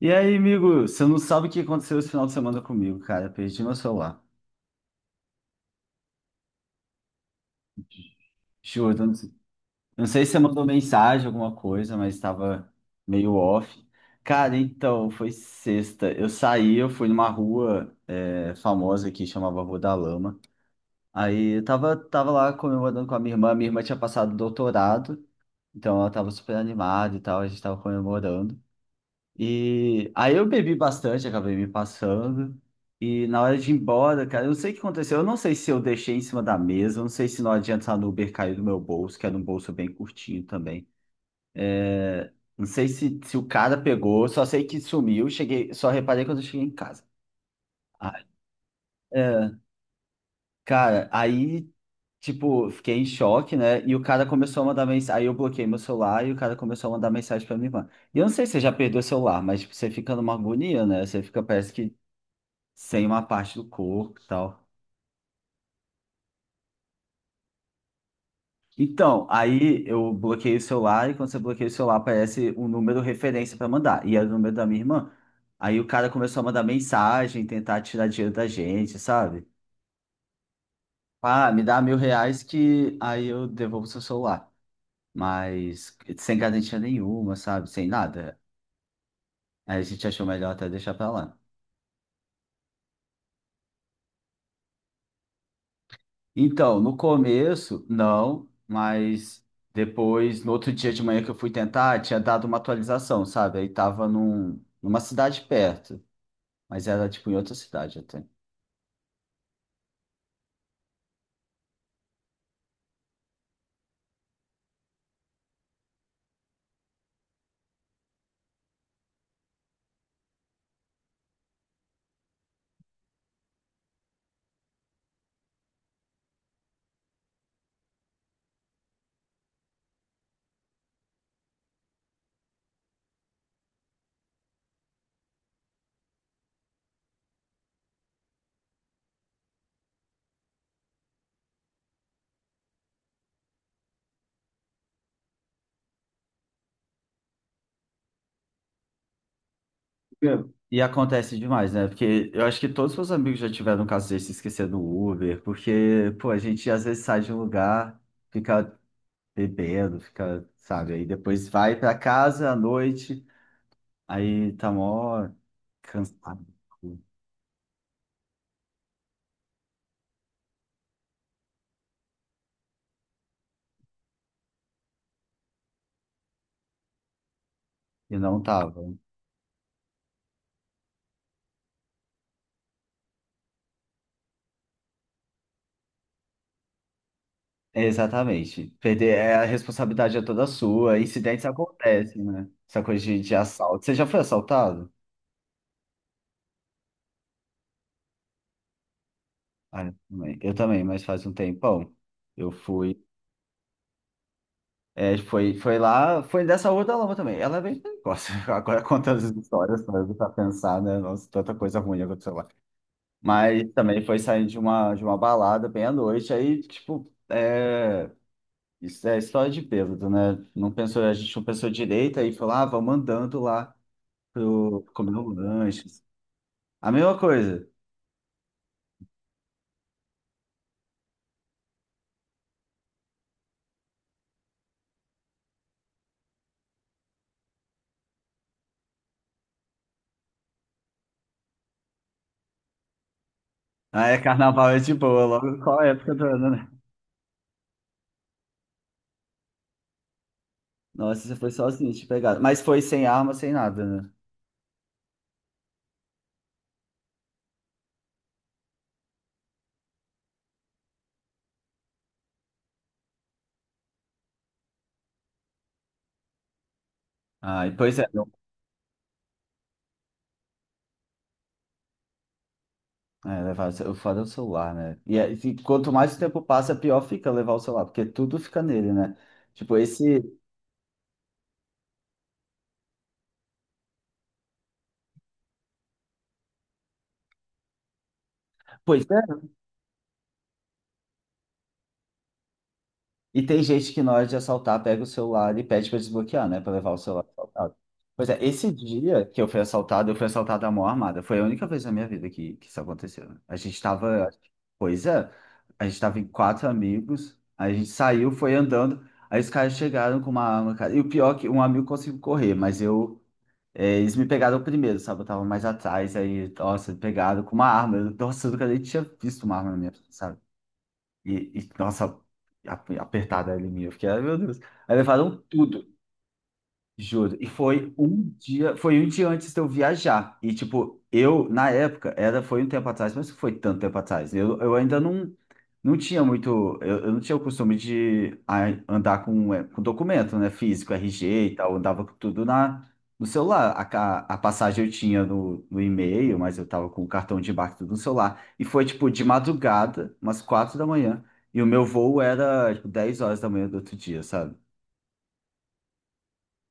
E aí, amigo, você não sabe o que aconteceu esse final de semana comigo, cara. Perdi meu celular. Juro, eu não sei, não sei se você mandou mensagem, alguma coisa, mas estava meio off. Cara, então, foi sexta. Eu fui numa rua famosa que chamava Rua da Lama. Aí eu tava lá comemorando com a minha irmã. Minha irmã tinha passado doutorado, então ela tava super animada e tal, a gente tava comemorando. E aí eu bebi bastante, acabei me passando. E na hora de ir embora, cara, eu não sei o que aconteceu. Eu não sei se eu deixei em cima da mesa, eu não sei se na hora de entrar no Uber caiu do meu bolso, que era um bolso bem curtinho também. É, não sei se o cara pegou, só sei que sumiu, cheguei, só reparei quando eu cheguei em casa. Ah, é, cara, aí, tipo, fiquei em choque, né? E o cara começou a mandar mensagem. Aí eu bloqueei meu celular e o cara começou a mandar mensagem pra minha irmã. E eu não sei se você já perdeu o celular, mas tipo, você fica numa agonia, né? Você fica, parece que sem uma parte do corpo e tal. Então, aí eu bloqueei o celular e quando você bloqueia o celular aparece um número referência para mandar. E era o número da minha irmã. Aí o cara começou a mandar mensagem, tentar tirar dinheiro da gente, sabe? Ah, me dá R$ 1.000 que aí eu devolvo seu celular. Mas sem garantia nenhuma, sabe? Sem nada. Aí a gente achou melhor até deixar pra lá. Então, no começo, não, mas depois, no outro dia de manhã que eu fui tentar, tinha dado uma atualização, sabe? Aí tava numa cidade perto, mas era tipo em outra cidade até. Entendo. E acontece demais, né? Porque eu acho que todos os meus amigos já tiveram um caso desse, esquecer do Uber, porque, pô, a gente às vezes sai de um lugar, fica bebendo, fica, sabe? Aí depois vai pra casa à noite, aí tá mó cansado. E não tava. Exatamente. Perder é a responsabilidade é toda sua. Incidentes acontecem, né? Essa coisa de assalto. Você já foi assaltado? Ah, eu também, mas faz um tempão. Eu fui. É, foi lá, foi dessa Rua da Lama também. Ela é bem precoce. Agora contando as histórias para pensar, né? Nossa, tanta coisa ruim aconteceu lá. Mas também foi saindo de uma balada bem à noite. Aí, tipo, isso é história de bêbado, né? Não pensou, a gente não pensou direito, aí foi lá, ah, vamos andando lá. Pro comer um lanche. A mesma coisa. Ah, é carnaval, é de boa, logo qual a época do ano, né? Nossa, você foi sozinho, te pegaram. Mas foi sem arma, sem nada, né? Ah, e pois é, não. É, levar, o foda é o celular, né? E quanto mais o tempo passa, pior fica levar o celular, porque tudo fica nele, né? Tipo, esse. Pois. E tem gente que na hora de assaltar pega o celular e pede para desbloquear, né? Para levar o celular assaltado. Pois é, esse dia que eu fui assaltado à mão armada. Foi a única vez na minha vida que isso aconteceu. Né? Pois é, a gente tava em 4 amigos, a gente saiu, foi andando, aí os caras chegaram com uma arma, cara. E o pior é que um amigo conseguiu correr, mas eu, eles me pegaram primeiro, sabe? Eu tava mais atrás, aí, nossa, pegaram com uma arma. Eu- Nossa, eu nunca nem tinha visto uma arma na minha vida, sabe? E, Nossa, apertada ali minha. Eu fiquei, ai meu Deus. Aí levaram tudo. Juro. E foi um dia antes de eu viajar. E tipo, eu, na época, era, foi um tempo atrás, mas não foi tanto tempo atrás. Eu ainda não tinha muito, eu não tinha o costume de andar com documento, né? Físico, RG e tal. Eu andava com tudo no celular. A passagem eu tinha no e-mail, mas eu tava com o cartão de embarque tudo no celular. E foi tipo de madrugada, umas 4 da manhã. E o meu voo era tipo 10 horas da manhã do outro dia, sabe?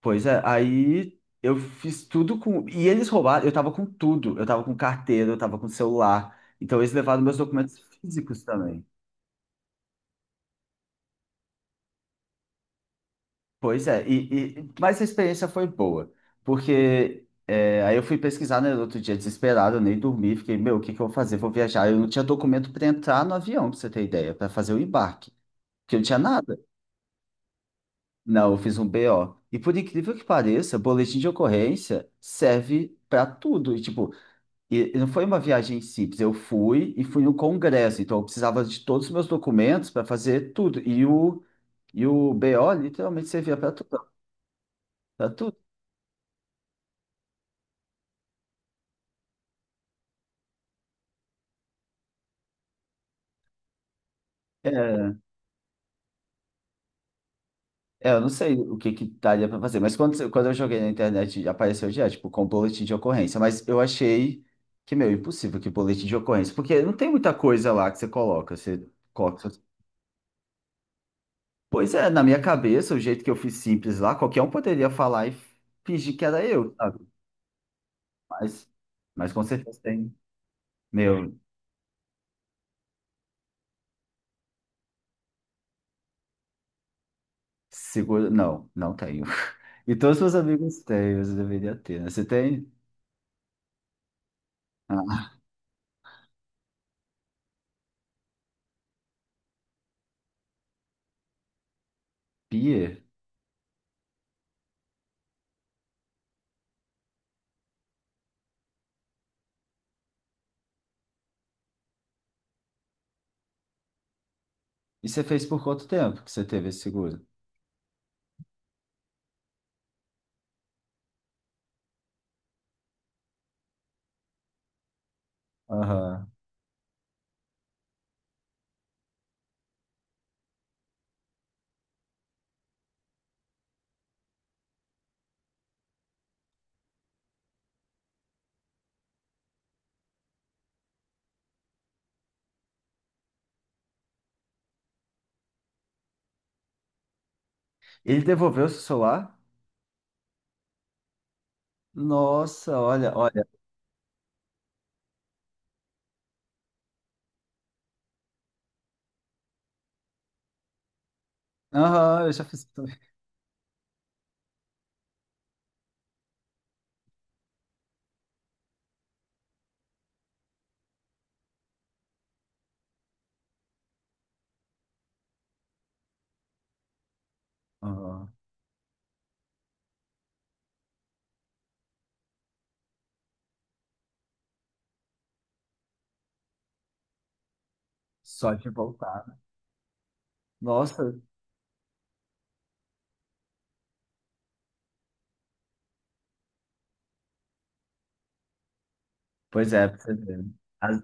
Pois é, aí eu fiz tudo com. E eles roubaram, eu tava com tudo. Eu tava com carteira, eu tava com celular. Então eles levaram meus documentos físicos também. Pois é, mas a experiência foi boa, porque é, aí eu fui pesquisar, né, no outro dia desesperado, eu nem dormi, fiquei, meu, o que que eu vou fazer? Vou viajar. Eu não tinha documento para entrar no avião, pra você ter ideia, para fazer o embarque, porque eu não tinha nada. Não, eu fiz um BO. E por incrível que pareça, boletim de ocorrência serve para tudo. E, tipo, e não foi uma viagem simples, eu fui e fui no congresso, então eu precisava de todos os meus documentos para fazer tudo. E o BO literalmente servia para tudo, para tudo. É, é, eu não sei o que que daria para fazer, mas quando eu joguei na internet apareceu já, tipo, com boletim de ocorrência, mas eu achei que, meu, impossível que boletim de ocorrência, porque não tem muita coisa lá que você coloca... Pois é, na minha cabeça, o jeito que eu fiz simples lá, qualquer um poderia falar e fingir que era eu, sabe? Mas, mas com certeza tem. Meu, seguro. Não, não tenho. E todos os meus amigos têm, você deveria ter, né? Você tem? Ah, Pia? E você fez por quanto tempo que você teve esse seguro? Aham. Ele devolveu o seu celular? Nossa, olha, olha. Aham, eu já fiz isso também. Aham. Só de voltar. Nossa, pois é, pra você ver. Às,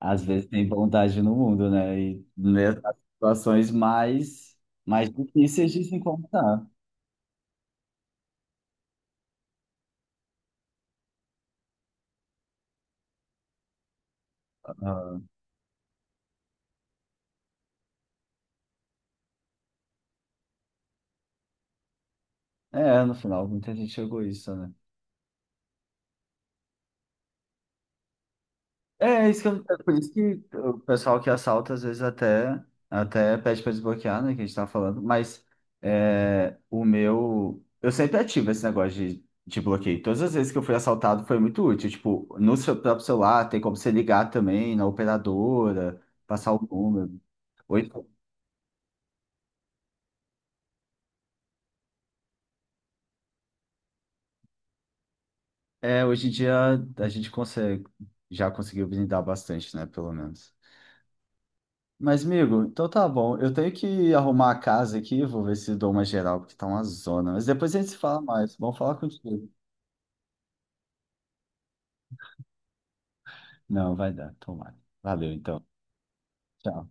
às vezes tem bondade no mundo, né? E mesmo as situações mais, difíceis de se encontrar. Aham. É, no final, muita gente chegou isso, né? É, é por isso que o pessoal que assalta às vezes até pede para desbloquear, né? Que a gente tá falando, mas é, o meu. Eu sempre ativo esse negócio de bloqueio. Todas as vezes que eu fui assaltado foi muito útil. Tipo, no seu próprio celular tem como você ligar também na operadora, passar o número. Hoje, hoje em dia a gente consegue, já conseguiu blindar bastante, né? Pelo menos. Mas, amigo, então tá bom. Eu tenho que arrumar a casa aqui, vou ver se dou uma geral, porque tá uma zona. Mas depois a gente se fala mais. Vamos falar contigo. Não, vai dar, tomara. Valeu, então. Tchau.